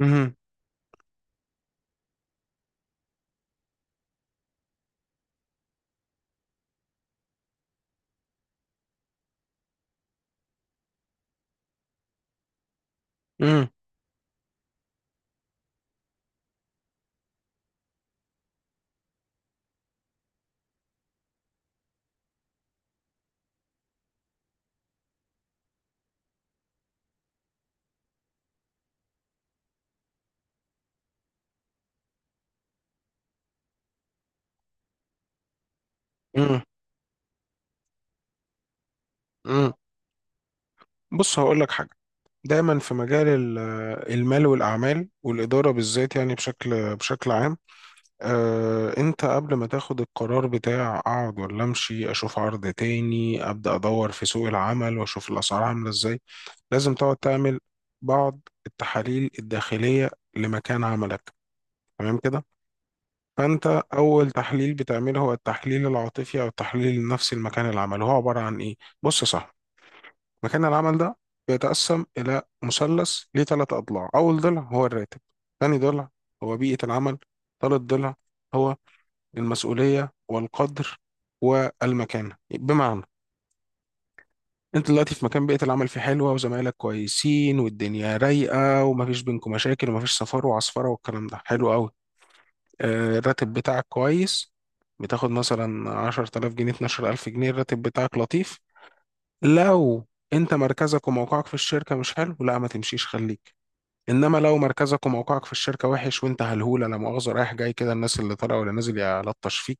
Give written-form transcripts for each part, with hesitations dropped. مهم. مم. مم. مم. بص هقول لك حاجه. دايما في مجال المال والاعمال والاداره، بالذات يعني بشكل عام. انت قبل ما تاخد القرار بتاع اقعد ولا امشي، اشوف عرض تاني، ابدا ادور في سوق العمل واشوف الاسعار عامله ازاي. لازم تقعد تعمل بعض التحاليل الداخليه لمكان عملك، تمام كده. فانت اول تحليل بتعمله هو التحليل العاطفي او التحليل النفسي لمكان العمل، هو عباره عن ايه؟ بص صح. مكان العمل ده بيتقسم إلى مثلث ليه ثلاث أضلاع. أول ضلع هو الراتب، ثاني ضلع هو بيئة العمل، ثالث ضلع هو المسؤولية والقدر والمكانة. بمعنى أنت دلوقتي في مكان بيئة العمل فيه حلوة وزمايلك كويسين والدنيا رايقة ومفيش بينكم مشاكل ومفيش سفر وعصفرة والكلام ده، حلو قوي. الراتب بتاعك كويس، بتاخد مثلا 10000 جنيه 12000 جنيه، الراتب بتاعك لطيف. لو انت مركزك وموقعك في الشركة مش حلو، لا ما تمشيش خليك. انما لو مركزك وموقعك في الشركة وحش وانت هلهولة لا مؤاخذة رايح جاي كده الناس اللي طالعه ولا نازل يلطش فيك،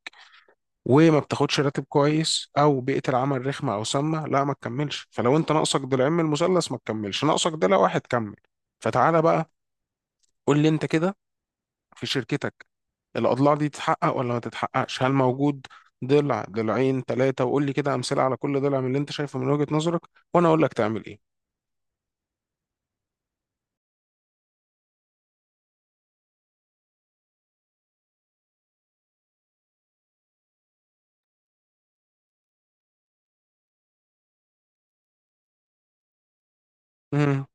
وما بتاخدش راتب كويس او بيئة العمل رخمة او سامة، لا ما تكملش. فلو انت ناقصك ضلعين من المثلث ما تكملش، ناقصك ضلع واحد كمل. فتعالى بقى قول لي انت كده في شركتك الاضلاع دي تتحقق ولا ما تتحققش؟ هل موجود ضلع، ضلعين، ثلاثة؟ وقول لي كده امثلة على كل ضلع من اللي انت شايفه من وجهة نظرك، وانا اقول لك تعمل ايه. مم.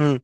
مم.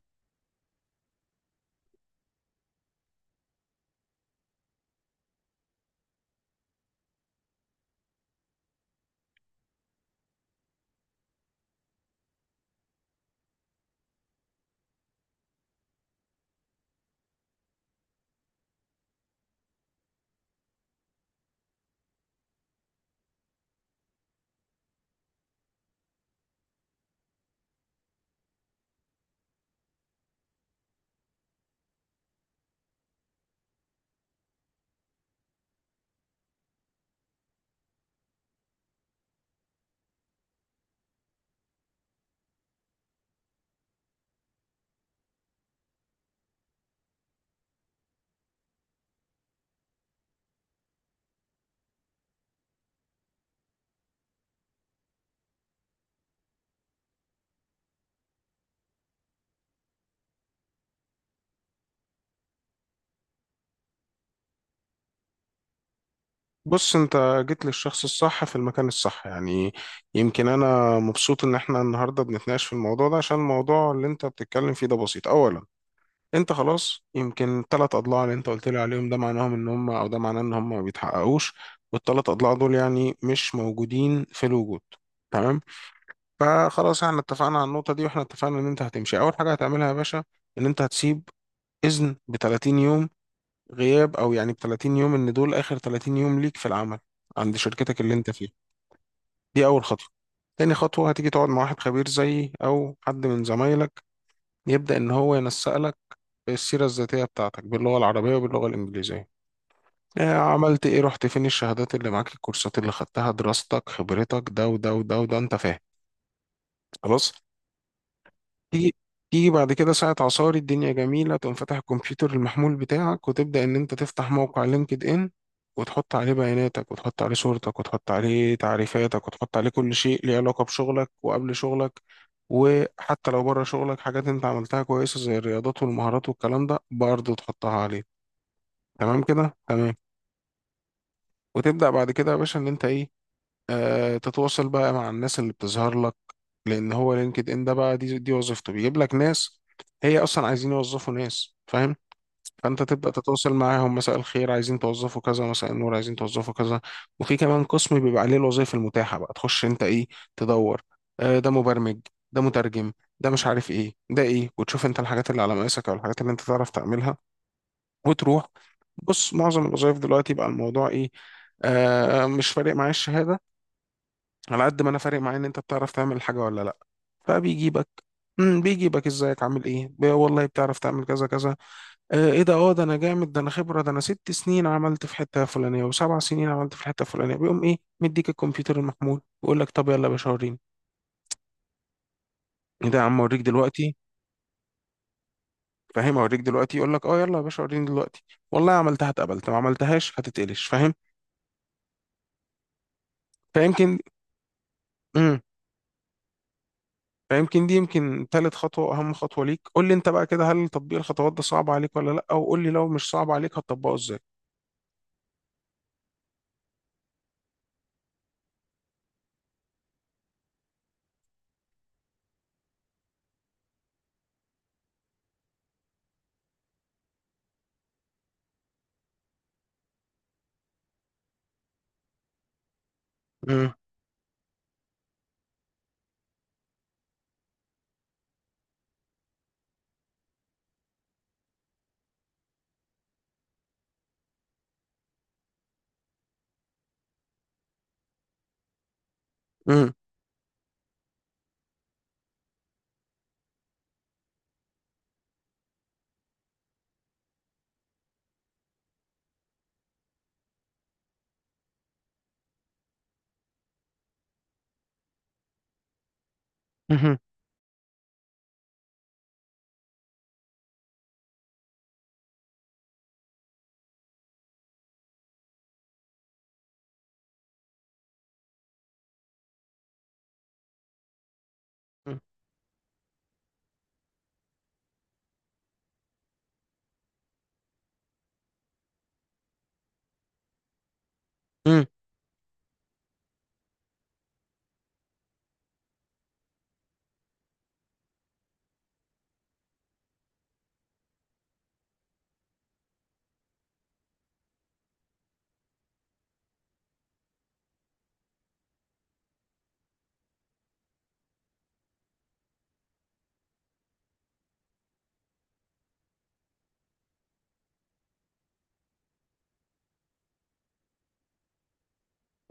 بص انت جيت للشخص الصح في المكان الصح يعني. يمكن انا مبسوط ان احنا النهارده بنتناقش في الموضوع ده، عشان الموضوع اللي انت بتتكلم فيه ده بسيط. اولا انت خلاص يمكن الثلاث اضلاع اللي انت قلت لي عليهم ده معناهم ان هم، او ده معناه ان هم ما بيتحققوش، والثلاث اضلاع دول يعني مش موجودين في الوجود، تمام. فخلاص احنا اتفقنا على النقطه دي، واحنا اتفقنا ان انت هتمشي. اول حاجه هتعملها يا باشا ان انت هتسيب اذن ب 30 يوم غياب، او يعني ب 30 يوم ان دول اخر 30 يوم ليك في العمل عند شركتك اللي انت فيها. دي اول خطوه. تاني خطوه هتيجي تقعد مع واحد خبير زيي او حد من زمايلك يبدا ان هو ينسق لك السيره الذاتيه بتاعتك باللغه العربيه وباللغه الانجليزيه. عملت ايه، رحت فين، الشهادات اللي معاك، الكورسات اللي خدتها، دراستك، خبرتك، ده وده وده وده، انت فاهم؟ خلاص. تيجي تيجي بعد كده ساعة عصاري، الدنيا جميلة، تقوم فاتح الكمبيوتر المحمول بتاعك وتبدأ إن أنت تفتح موقع لينكد إن، وتحط عليه بياناتك وتحط عليه صورتك وتحط عليه تعريفاتك وتحط عليه كل شيء ليه علاقة بشغلك وقبل شغلك، وحتى لو بره شغلك حاجات أنت عملتها كويسة زي الرياضات والمهارات والكلام ده برضه تحطها عليه. تمام كده؟ تمام. وتبدأ بعد كده يا باشا إن أنت إيه؟ تتواصل بقى مع الناس اللي بتظهر لك. لان هو لينكد ان ده بقى دي وظيفته، بيجيب لك ناس هي اصلا عايزين يوظفوا ناس، فاهم؟ فانت تبدا تتواصل معاهم، مساء الخير عايزين توظفوا كذا، مساء النور عايزين توظفوا كذا. وفي كمان قسم بيبقى عليه الوظائف المتاحه، بقى تخش انت ايه، تدور. ده مبرمج، ده مترجم، ده مش عارف ايه، ده ايه. وتشوف انت الحاجات اللي على مقاسك او الحاجات اللي انت تعرف تعملها وتروح. بص معظم الوظائف دلوقتي بقى الموضوع ايه؟ آه مش فارق معايا الشهاده، على قد ما انا فارق معايا ان انت بتعرف تعمل الحاجه ولا لا. فبيجيبك بيجيبك ازيك عامل ايه، والله بتعرف تعمل كذا كذا؟ آه ايه ده، اه ده انا جامد، ده انا خبره، ده انا ست سنين عملت في حته فلانيه وسبع سنين عملت في الحته الفلانيه. بيقوم ايه، مديك الكمبيوتر المحمول ويقول لك طب يلا يا باشا وريني ايه ده، يا عم اوريك دلوقتي فاهم اوريك دلوقتي. يقول لك اه يلا يا باشا وريني دلوقتي. والله عملتها اتقبلت، ما عملتهاش هتتقلش، فاهم؟ فيمكن فيمكن دي يمكن تالت خطوة وأهم خطوة ليك. قول لي أنت بقى كده، هل تطبيق الخطوات ده صعب عليك ولا لأ؟ وقول لي لو مش صعب عليك هتطبقه إزاي. مم. مم. مهم. مم. مم.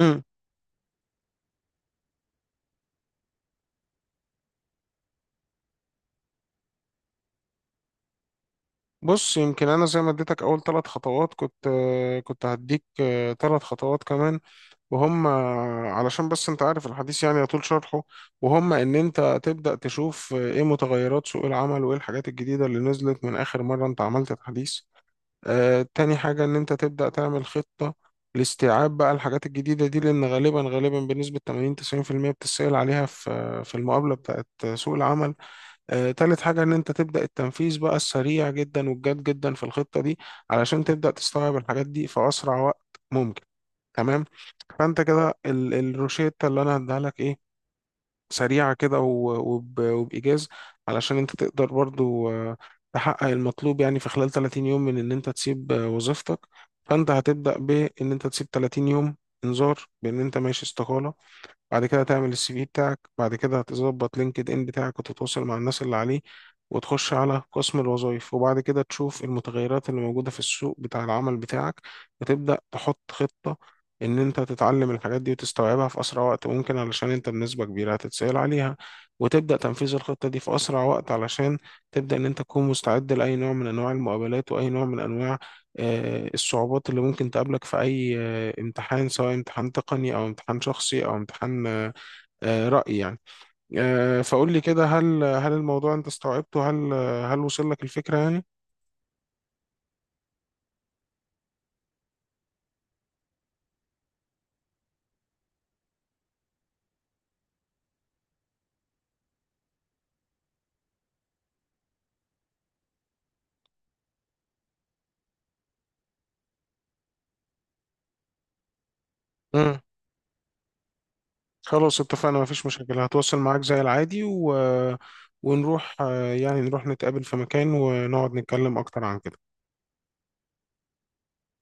مم. بص يمكن أنا زي ما اديتك أول ثلاث خطوات كنت، كنت هديك ثلاث خطوات كمان. وهم علشان بس أنت عارف، الحديث يعني يطول شرحه. وهم إن أنت تبدأ تشوف إيه متغيرات سوق العمل وإيه الحاجات الجديدة اللي نزلت من آخر مرة أنت عملت الحديث. تاني حاجة إن أنت تبدأ تعمل خطة لاستيعاب بقى الحاجات الجديدة دي، لأن غالبا غالبا بنسبة 80 90% بتسأل عليها في المقابلة بتاعت سوق العمل. تالت حاجة إن أنت تبدأ التنفيذ بقى السريع جدا والجاد جدا في الخطة دي، علشان تبدأ تستوعب الحاجات دي في أسرع وقت ممكن، تمام. فأنت كده الروشتة اللي أنا هديها لك إيه؟ سريعة كده وبإيجاز، علشان أنت تقدر برضو تحقق المطلوب، يعني في خلال 30 يوم من إن أنت تسيب وظيفتك. فأنت هتبدأ بإن أنت تسيب 30 يوم إنذار بإن أنت ماشي استقالة. بعد كده تعمل السي في بتاعك، بعد كده هتظبط لينكد ان بتاعك وتتواصل مع الناس اللي عليه، وتخش على قسم الوظائف، وبعد كده تشوف المتغيرات اللي موجودة في السوق بتاع العمل بتاعك، وتبدأ تحط خطة ان انت تتعلم الحاجات دي وتستوعبها في اسرع وقت ممكن علشان انت بنسبة كبيرة هتتسأل عليها، وتبدأ تنفيذ الخطة دي في اسرع وقت علشان تبدأ ان انت تكون مستعد لأي نوع من انواع المقابلات واي نوع من انواع الصعوبات اللي ممكن تقابلك في اي امتحان، سواء امتحان تقني او امتحان شخصي او امتحان رأي يعني. فقول لي كده، هل الموضوع انت استوعبته؟ هل وصل لك الفكرة يعني؟ مم. خلاص اتفقنا، مفيش مشكلة. هتواصل معاك زي العادي، ونروح يعني نروح نتقابل في مكان ونقعد نتكلم اكتر عن كده.